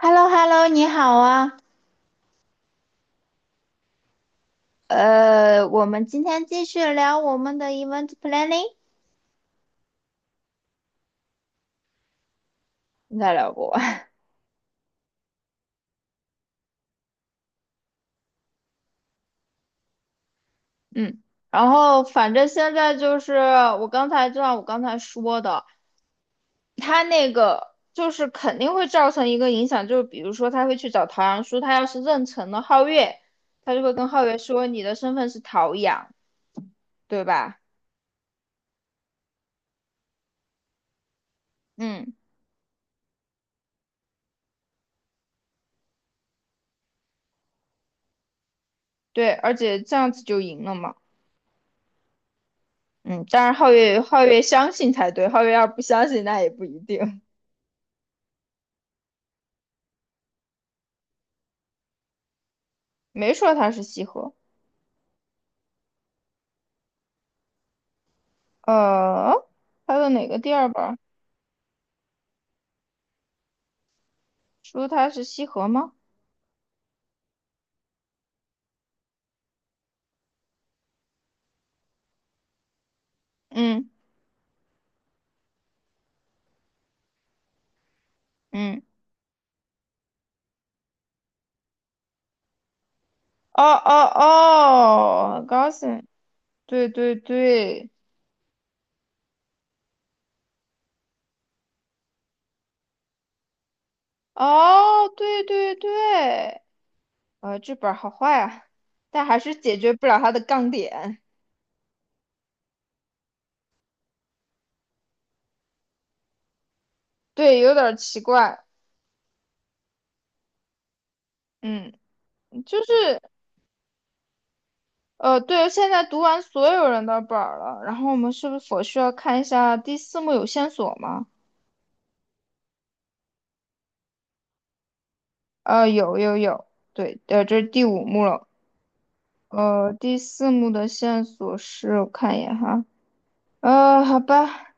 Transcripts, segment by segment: H E L L O H E L L O 你好啊。我们今天继续聊我们的 event planning，应该聊不完。嗯，然后反正现在就是我刚才说的，他那个就是肯定会造成一个影响，就是比如说他会去找陶阳叔，他要是认成了皓月，他就会跟皓月说你的身份是陶阳，对吧？嗯，对，而且这样子就赢了嘛。嗯，当然皓月相信才对，皓月要不相信那也不一定。没说他是西河。呃，还的哪个第二本儿说他是西河吗？嗯嗯，哦哦哦 G A U, 对对对，哦对对对，这本儿好坏啊，但还是解决不了它的杠点。对，有点儿奇怪。嗯，就是对，现在读完所有人的本儿了，然后我们是不是否需要看一下第四幕有线索吗？有有有。对，这是第五幕了。第四幕的线索是，我看一眼哈，好吧。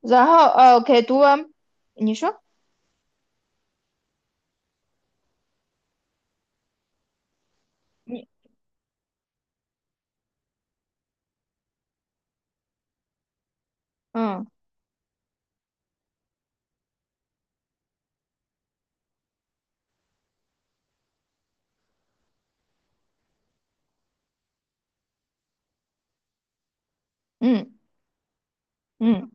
然后OK,读完，你说，你，嗯嗯嗯。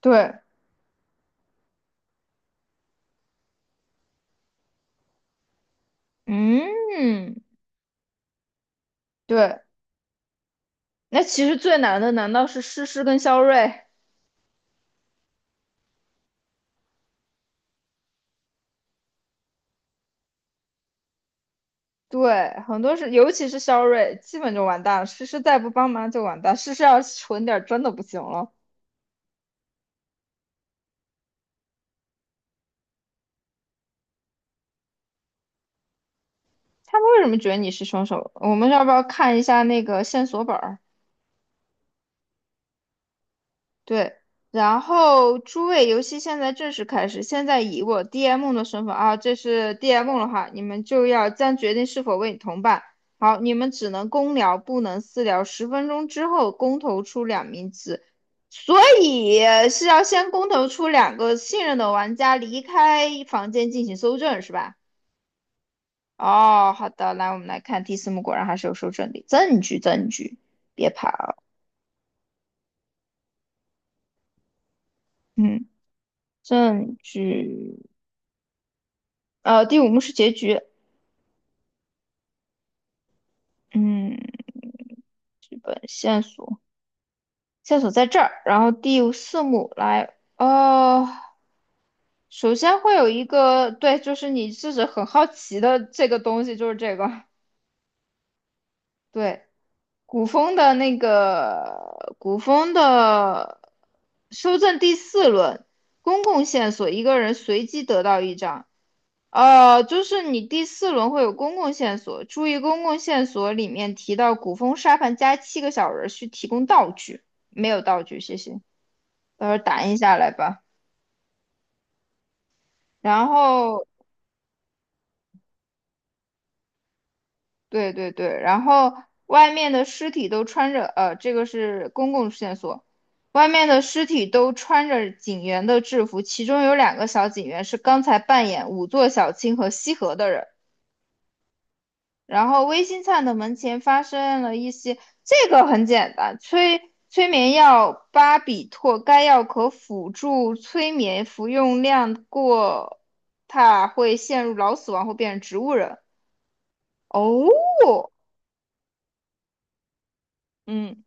对，嗯对。那其实最难的难道是诗诗跟肖瑞？对，很多是，尤其是肖瑞，基本就完蛋了。诗诗再不帮忙就完蛋，诗诗要是蠢点儿真的不行了。他们为什么觉得你是凶手？我们要不要看一下那个线索本儿？对，然后诸位游戏现在正式开始。现在以我 DM 的身份啊，这是 DM 的话，你们就要将决定是否为你同伴。好，你们只能公聊，不能私聊。10分钟之后公投出两名字，所以是要先公投出两个信任的玩家离开房间进行搜证，是吧？哦，好的，来我们来看第四幕，果然还是有搜证的证据，证据，别跑。嗯，证据。第五幕是结局，嗯，剧本线索，线索在这儿。然后第四幕来，哦，首先会有一个，对，就是你自己很好奇的这个东西，就是这个，对，古风的那个古风的修正第四轮，公共线索，一个人随机得到一张。就是你第四轮会有公共线索，注意公共线索里面提到古风沙盘加七个小人儿需提供道具，没有道具，谢谢，到时候打印下来吧。然后，对对对，然后外面的尸体都穿着，这个是公共线索，外面的尸体都穿着警员的制服，其中有两个小警员是刚才扮演五座小青和西河的人。然后微星灿的门前发生了一些，这个很简单，催眠药巴比妥，该药可辅助催眠，服用量过大会陷入脑死亡或变成植物人。哦，嗯，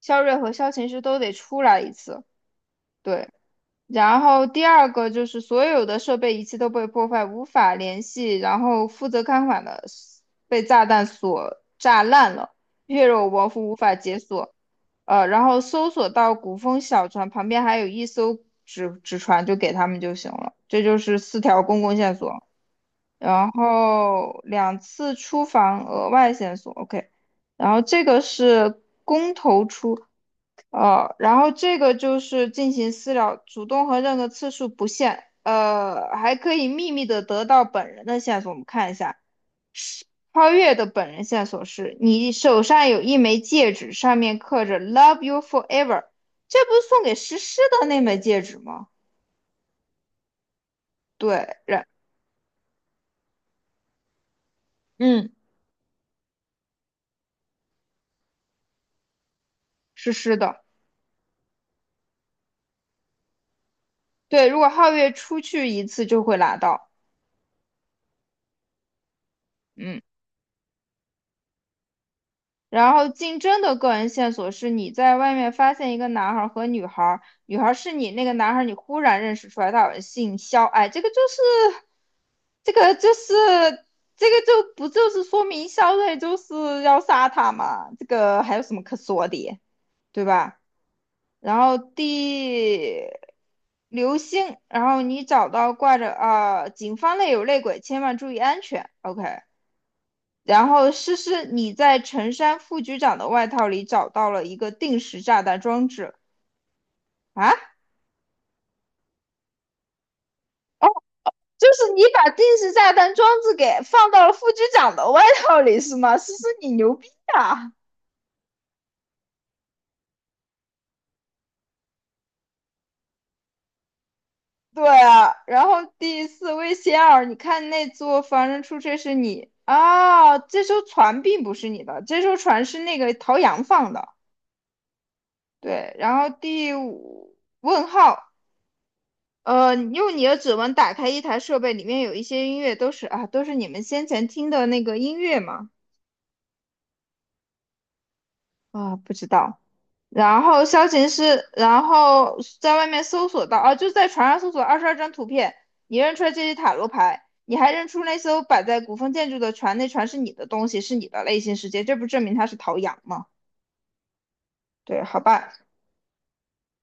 肖瑞和肖琴是都得出来一次。对，然后第二个就是所有的设备仪器都被破坏，无法联系。然后负责看管的被炸弹所炸烂了，血肉模糊，无法解锁。然后搜索到古风小船旁边还有一艘纸船，就给他们就行了。这就是四条公共线索，然后两次出访额外线索，OK。然后这个是公投出然后这个就是进行私聊，主动和任何次数不限，还可以秘密的得到本人的线索。我们看一下，是超越的本人线索是你手上有一枚戒指，上面刻着 “Love you forever”,这不是送给诗诗的那枚戒指吗？对，嗯，诗诗的。对，如果皓月出去一次就会拿到，嗯。然后竞争的个人线索是你在外面发现一个男孩和女孩，女孩是你那个男孩你忽然认识出来他好像姓肖，哎，这个就是这个就不就是说明肖瑞就是要杀他嘛？这个还有什么可说的，对吧？然后流星，然后你找到挂着啊、警方内有内鬼，千万注意安全。OK。然后诗诗，你在陈山副局长的外套里找到了一个定时炸弹装置，啊？就是你把定时炸弹装置给放到了副局长的外套里是吗？诗诗，你牛逼啊！对啊，然后第四位仙儿，你看那座防人出车是你啊。哦，这艘船并不是你的，这艘船是那个陶阳放的。对，然后第五，问号，用你的指纹打开一台设备，里面有一些音乐，都是啊，都是你们先前听的那个音乐嘛？啊，不知道。然后消琴师，然后在外面搜索到，啊，就在船上搜索22张图片，你认出来这些塔罗牌，你还认出那艘摆在古风建筑的船，那船是你的东西，是你的内心世界，这不证明它是陶阳吗？对，好吧，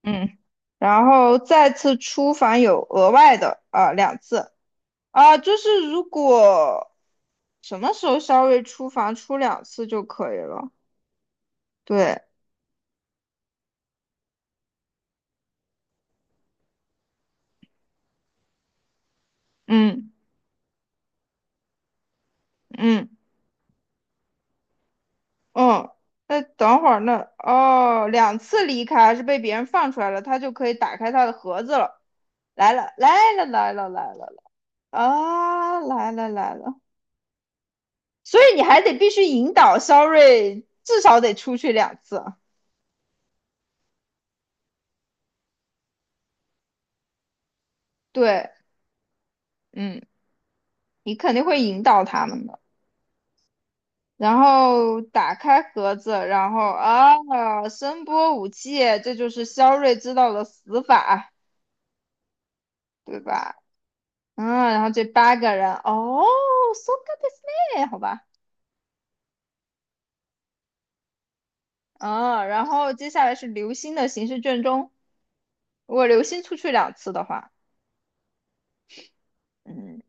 嗯。然后再次出访有额外的啊，两次。啊，就是如果什么时候肖微出房出两次就可以了。对，嗯嗯嗯，那等会儿那哦，两次离开还是被别人放出来了，他就可以打开他的盒子了。来了来了来了来了，啊，来了来了。所以你还得必须引导肖瑞，至少得出去两次啊。对，嗯，你肯定会引导他们的。然后打开盒子，然后啊，声波武器，这就是肖瑞知道的死法，对吧？嗯，然后这八个人，哦，so good this man,好吧。嗯，然后接下来是流星的刑事卷宗，如果流星出去两次的话，嗯，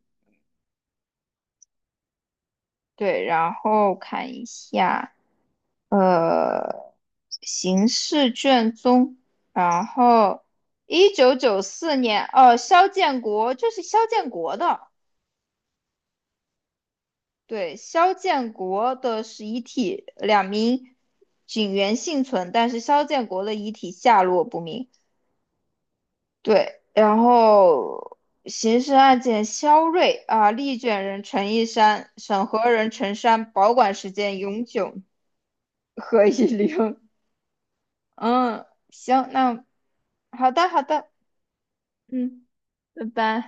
对，然后看一下。呃，刑事卷宗，然后1994年，哦，肖建国，这是肖建国的。对，肖建国的是遗体，两名警员幸存，但是肖建国的遗体下落不明。对，然后刑事案件肖瑞啊，立卷人陈一山，审核人陈山，保管时间永久，何以玲。嗯，行，那好的，好的，嗯，拜拜。